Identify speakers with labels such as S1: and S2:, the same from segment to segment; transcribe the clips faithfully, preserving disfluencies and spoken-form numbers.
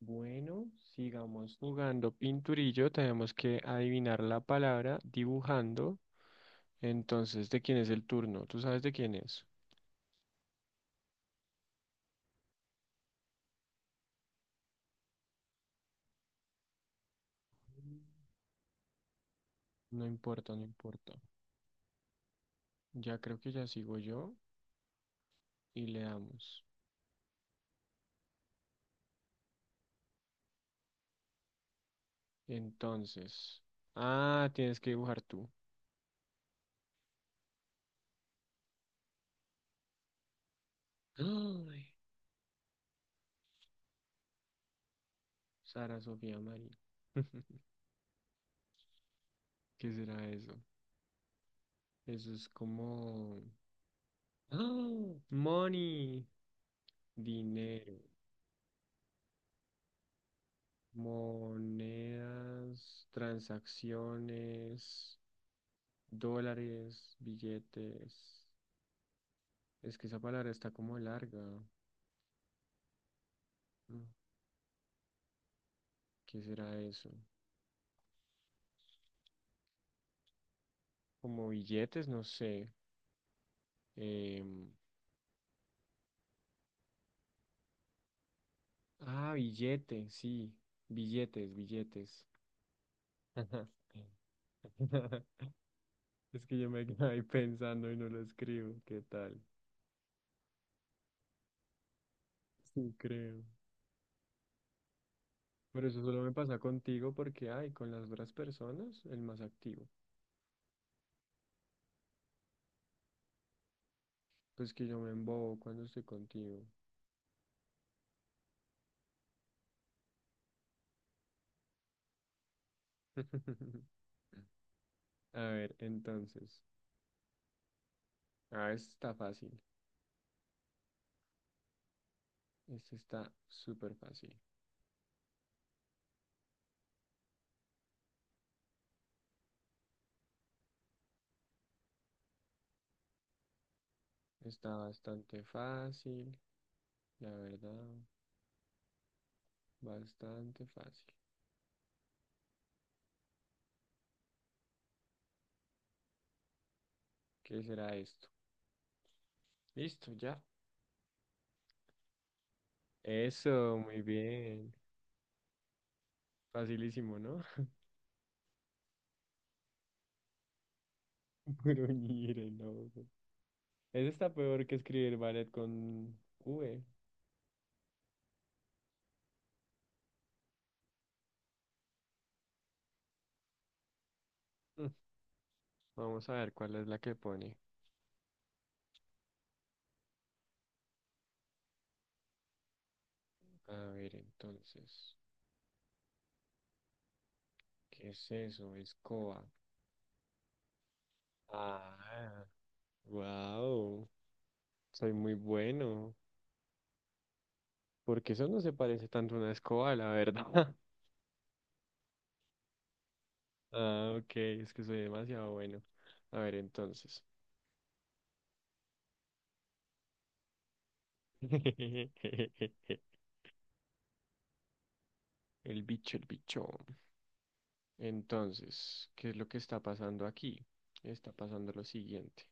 S1: Bueno, sigamos jugando pinturillo. Tenemos que adivinar la palabra dibujando. Entonces, ¿de quién es el turno? ¿Tú sabes de quién es? No importa, no importa. Ya creo que ya sigo yo y le damos. Entonces, ah, tienes que dibujar tú. Ay, Sara Sofía María. ¿Qué será eso? Eso es como... ¡Ah! Money, dinero. Monedas, transacciones, dólares, billetes. Es que esa palabra está como larga. Mm, ¿Qué será eso? Como billetes, no sé. Em, ah, billete, sí. Billetes, billetes. Es que yo me quedé ahí pensando y no lo escribo. ¿Qué tal? Sí, creo. Pero eso solo me pasa contigo porque, ay, con las otras personas, el más activo. Pues que yo me embobo cuando estoy contigo. A ver, entonces. Ah, esta está fácil. Esta está súper fácil. Está bastante fácil, la verdad. Bastante fácil. ¿Qué será esto? Listo, ya. Eso, muy bien. Facilísimo, ¿no? Gruñir el ojo. Está peor que escribir ballet con V. Mm. Vamos a ver cuál es la que pone. A ver, entonces. ¿Qué es eso? Escoba. Ah, wow, soy muy bueno, porque eso no se parece tanto a una escoba, la verdad. Ah, ok, es que soy demasiado bueno. A ver, entonces. El bicho, el bicho. Entonces, ¿qué es lo que está pasando aquí? Está pasando lo siguiente.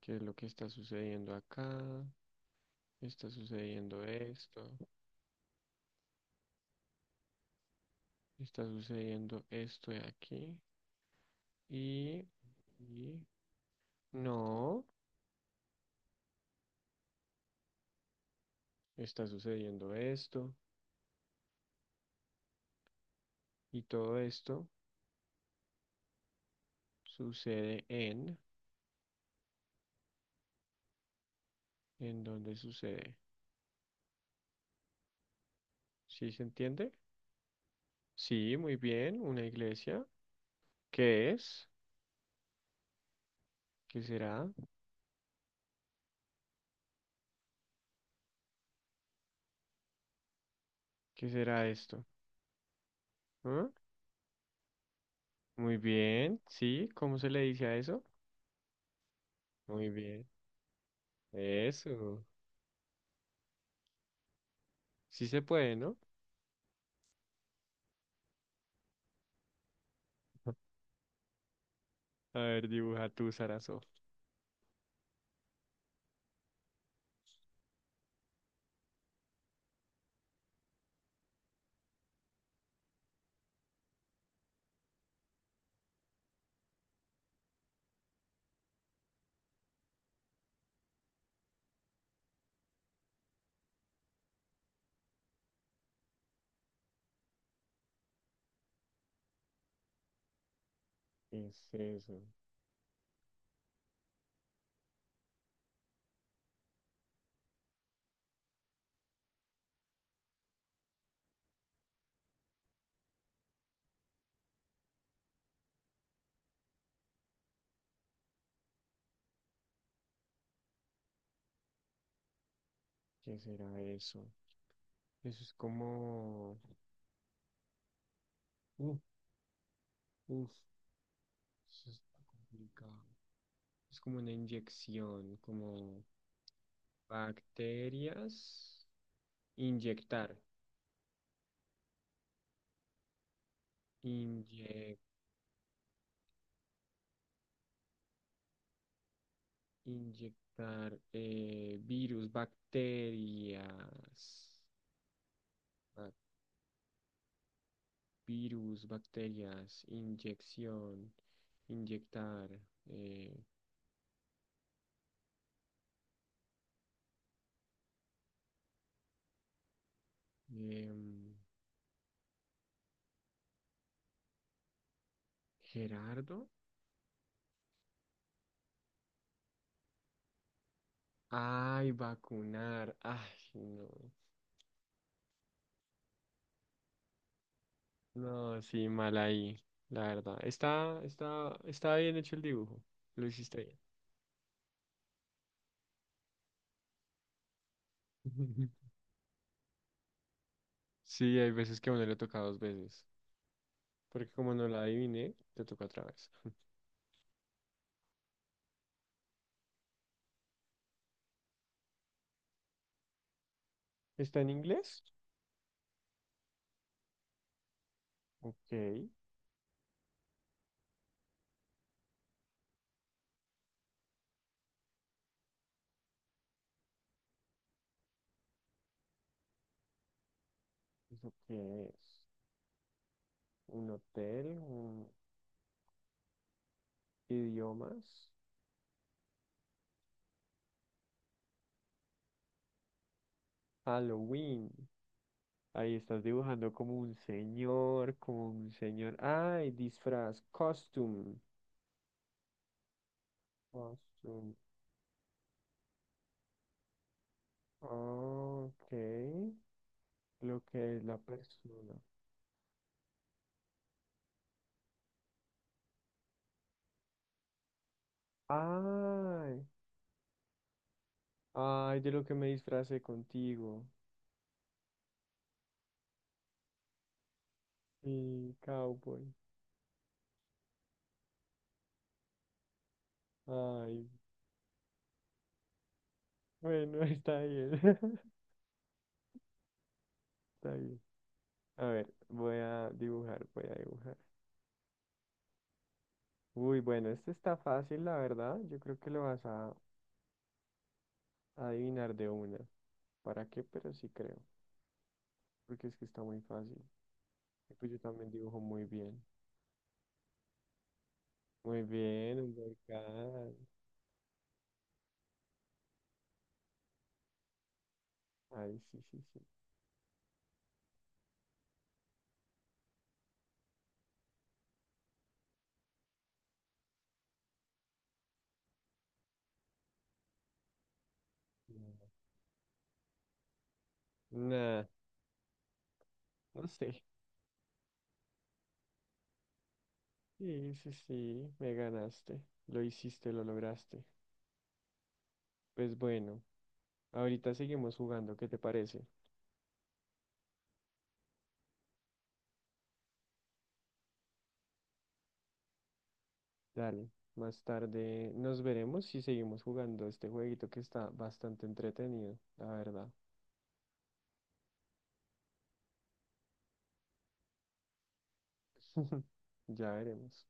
S1: ¿Qué es lo que está sucediendo acá? Está sucediendo esto. Está sucediendo esto de aquí. Y, y... No. Está sucediendo esto y todo esto sucede en, ¿en dónde sucede? ¿Sí se entiende? Sí, muy bien, una iglesia. ¿Qué es? ¿Qué será? ¿Qué será esto? ¿Ah? Muy bien, sí, ¿cómo se le dice a eso? Muy bien, eso. Sí se puede, ¿no? A ver, dibuja tú, Sarazo. ¿Qué es eso? ¿Qué será eso? Eso es como... Uf, uf, eso está complicado. Es como una inyección, como bacterias, inyectar, inye- inyectar, eh, virus, bacterias, bac- virus, bacterias, inyección, inyectar. eh, em, Gerardo, ay, vacunar, ay, no, no, sí, mal ahí, la verdad. Está, está, está bien hecho el dibujo, lo hiciste bien. Sí, hay veces que a uno le toca dos veces, porque como no la adiviné, te toca otra vez. ¿Está en inglés? Ok, ¿eso qué es? ¿Un hotel? ¿Un idiomas? Halloween. Ahí estás dibujando como un señor, como un señor. Ay, disfraz, costume. Costume. Ok, lo que es la persona. Ay, ay, de lo que me disfracé contigo. Sí, cowboy. Ay, bueno, está bien. Está bien. A ver, voy a dibujar, voy a dibujar. Uy, bueno, este está fácil, la verdad. Yo creo que lo vas a adivinar de una. ¿Para qué? Pero sí creo. Porque es que está muy fácil. Y pues yo también dibujo muy bien. Muy bien, un volcán. Ay, sí, sí, sí. Nah, nah, no sé. Sí, sí, sí, me ganaste. Lo hiciste, lo lograste. Pues bueno, ahorita seguimos jugando. ¿Qué te parece? Dale, más tarde nos veremos y seguimos jugando este jueguito que está bastante entretenido, la verdad. Ya veremos.